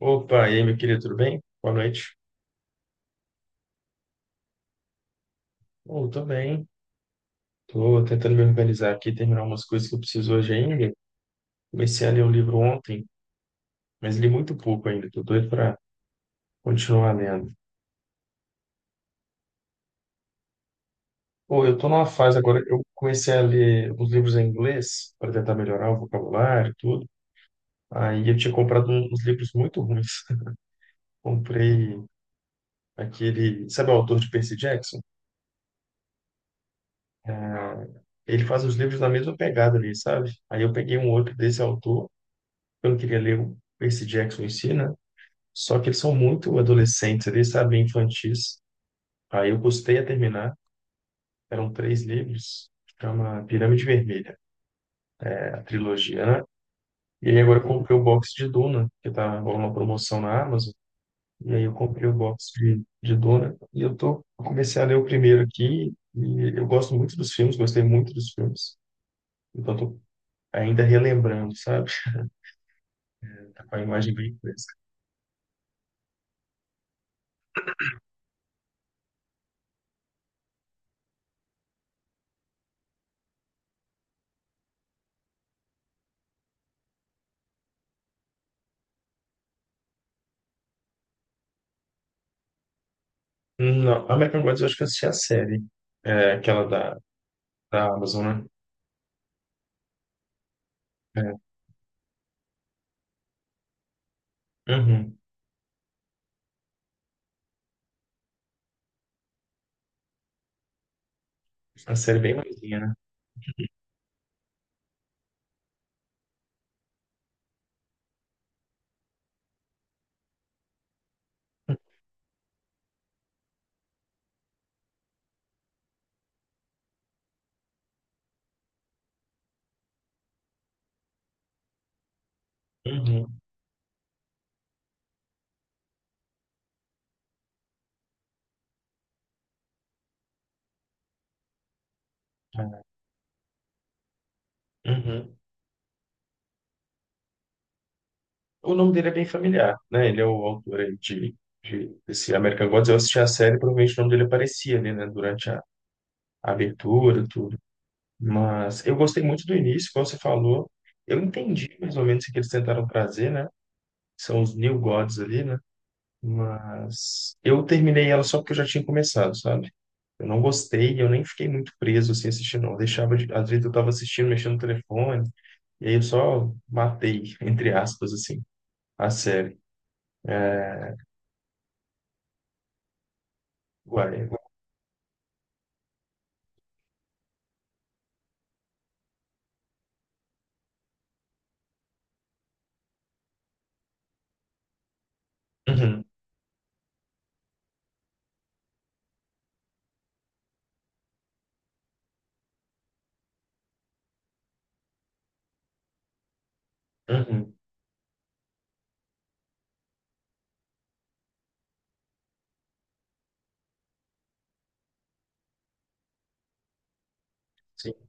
Opa, e aí, meu querido, tudo bem? Boa noite. Oh, tô bem. Tô tentando me organizar aqui, terminar umas coisas que eu preciso hoje ainda. Comecei a ler o livro ontem, mas li muito pouco ainda. Tô doido para continuar lendo. Pô, eu tô numa fase agora, eu comecei a ler os livros em inglês para tentar melhorar o vocabulário e tudo. Aí eu tinha comprado uns livros muito ruins. Comprei aquele, sabe o autor de Percy Jackson? É, ele faz os livros na mesma pegada ali, sabe? Aí eu peguei um outro desse autor. Eu não queria ler o Percy Jackson em si, né? Só que eles são muito adolescentes ali, sabe? Infantis. Aí eu custei a terminar. Eram três livros. Chama Pirâmide Vermelha, a trilogia, né? E aí agora eu comprei o box de Duna, que tá rolando uma promoção na Amazon. E aí eu comprei o box de Duna. E eu tô, eu comecei a ler o primeiro aqui. E eu gosto muito dos filmes, gostei muito dos filmes. Então tô ainda relembrando, sabe? Tá com a imagem bem fresca. Não, American Gods eu acho que eu assisti a série. É, aquela da Amazon, né? É. Uhum. A série bem maisinha, né? Uhum. É. Uhum. O nome dele é bem familiar, né? Ele é o autor aí desse American Gods. Eu assisti a série, provavelmente o nome dele aparecia ali, né? Durante a abertura, tudo. Mas eu gostei muito do início, como você falou. Eu entendi mais ou menos o que eles tentaram trazer, né? São os New Gods ali, né? Mas eu terminei ela só porque eu já tinha começado, sabe? Eu não gostei, eu nem fiquei muito preso assim assistindo, não. Eu deixava de... Às vezes eu tava assistindo, mexendo no telefone, e aí eu só matei, entre aspas, assim, a série. Uai. Uhum, uhum, sim.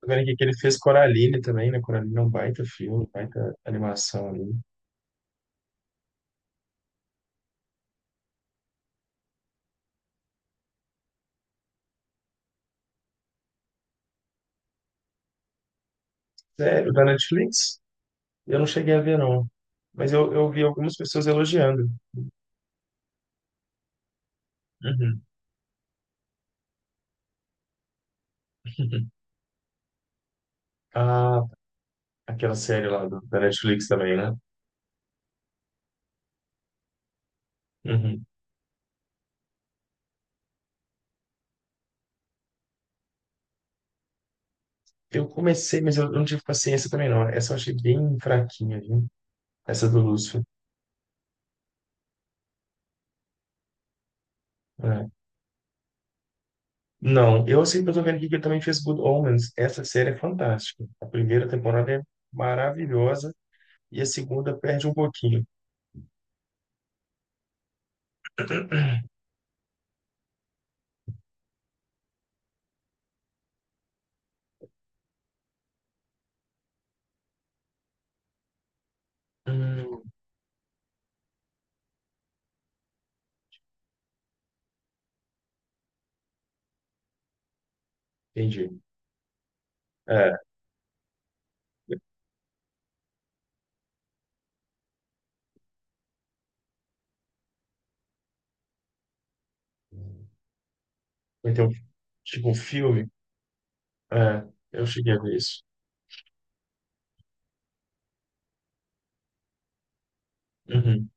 Tô vendo aqui que ele fez Coraline também, né? Coraline é um baita filme, baita animação ali. Sério, da Netflix? Eu não cheguei a ver, não. Mas eu vi algumas pessoas elogiando. Uhum. Ah, tá. Aquela série lá da Netflix também, né? Uhum. Eu comecei, mas eu não tive paciência também, não. Essa eu achei bem fraquinha, viu? Essa do Lúcio, né? Não, eu sei que eu tô vendo aqui que ele também fez Good Omens. Essa série é fantástica. A primeira temporada é maravilhosa e a segunda perde um pouquinho. Hum, entendi. É, então, tipo um filme. É, eu cheguei a ver isso. Uhum.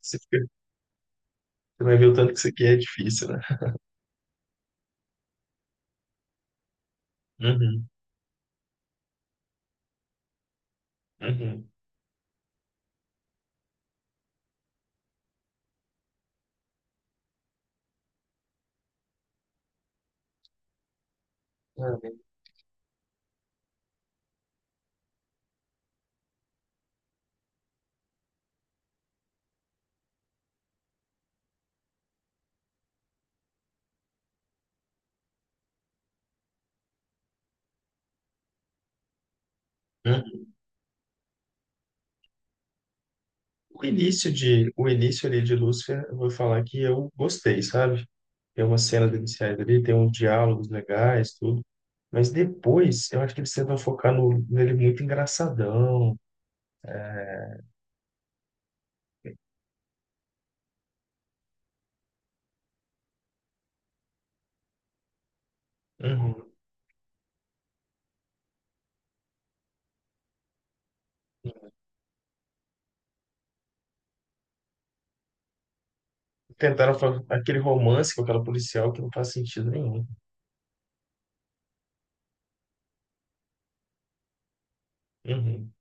Você fica- você vai ver o tanto que isso aqui é difícil, né? Uhum, uhum. Ah, bem. O início ali de Lúcifer, eu vou falar que eu gostei, sabe? Tem umas cenas iniciais ali, tem uns diálogos legais, tudo. Mas depois, eu acho que eles tentam focar no, nele muito engraçadão. Uhum. Tentaram aquele romance com aquela policial que não faz sentido nenhum. Uhum.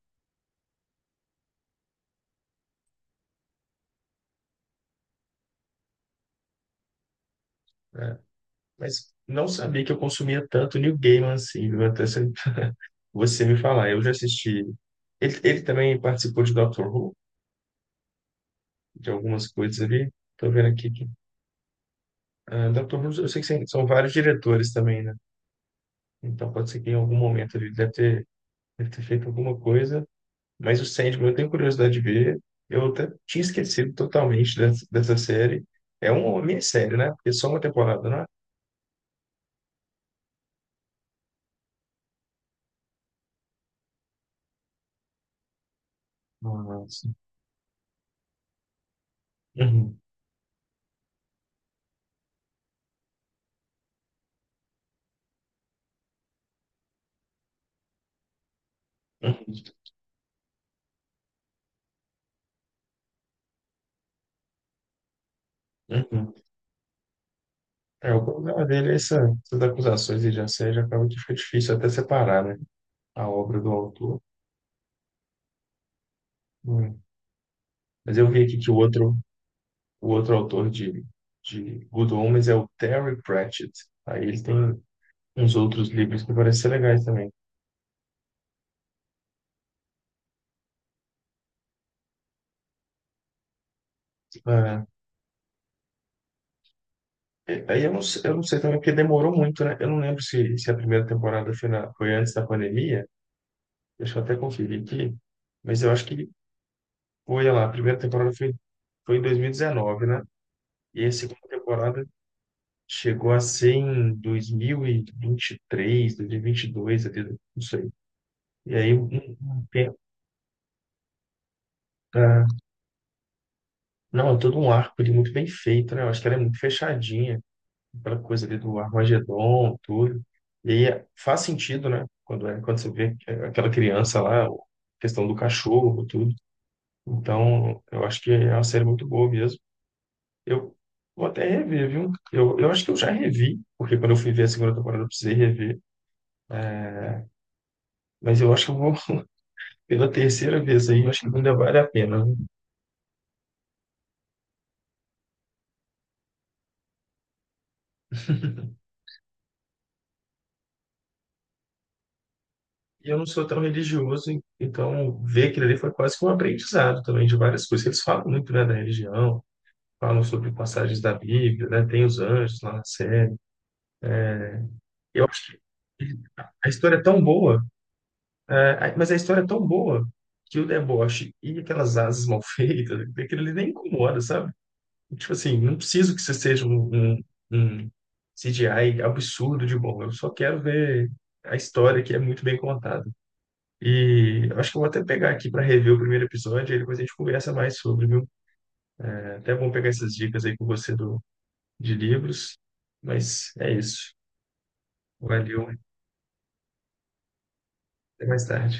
É. Mas não sabia que eu consumia tanto New Gaiman assim, viu? Até você me falar. Eu já assisti. Ele também participou de Doctor Who, de algumas coisas ali. Tô vendo aqui. Ah, Dr. House, eu sei que são vários diretores também, né? Então pode ser que em algum momento ele deve ter feito alguma coisa. Mas o Sandman eu tenho curiosidade de ver. Eu até tinha esquecido totalmente dessa série. É uma minissérie, né? Porque é só uma temporada, não é? Nossa. Uhum. Uhum. Uhum. É, o problema dele é essas acusações de assédio, acaba que fica difícil até separar, né? A obra do autor. Hum. Mas eu vi aqui que o outro autor de Good Omens é o Terry Pratchett. Aí ele tem uns outros livros que parecem ser legais também. Ah, é, aí eu não sei também, porque demorou muito, né? Eu não lembro se a primeira temporada foi antes da pandemia. Deixa eu até conferir aqui. Mas eu acho que foi, olha lá, a primeira temporada foi em 2019, né? E a segunda temporada chegou a ser em 2023, 2022, até, não sei. E aí, um tempo, ah, não, é todo um arco ali muito bem feito, né? Eu acho que ela é muito fechadinha, aquela coisa ali do Armagedon, tudo. E aí faz sentido, né? Quando você vê aquela criança lá, a questão do cachorro, tudo. Então, eu acho que é uma série muito boa mesmo. Eu vou até rever, viu? Eu acho que eu já revi, porque quando eu fui ver a segunda temporada eu precisei rever. É, mas eu acho que eu vou, pela terceira vez aí, eu acho que ainda vale a pena, né? E eu não sou tão religioso, então ver aquilo ali foi quase que um aprendizado também de várias coisas. Eles falam muito, né, da religião, falam sobre passagens da Bíblia, né, tem os anjos lá na série. Eu acho que a história é tão boa. É, a- mas a história é tão boa que o deboche e aquelas asas mal feitas, aquilo ali nem incomoda, sabe? Tipo assim, não preciso que você seja um, CGI absurdo de bom, eu só quero ver a história que é muito bem contada. E acho que eu vou até pegar aqui para rever o primeiro episódio e depois a gente conversa mais sobre, viu? É até bom pegar essas dicas aí com você de livros. Mas é isso. Valeu. Até mais tarde.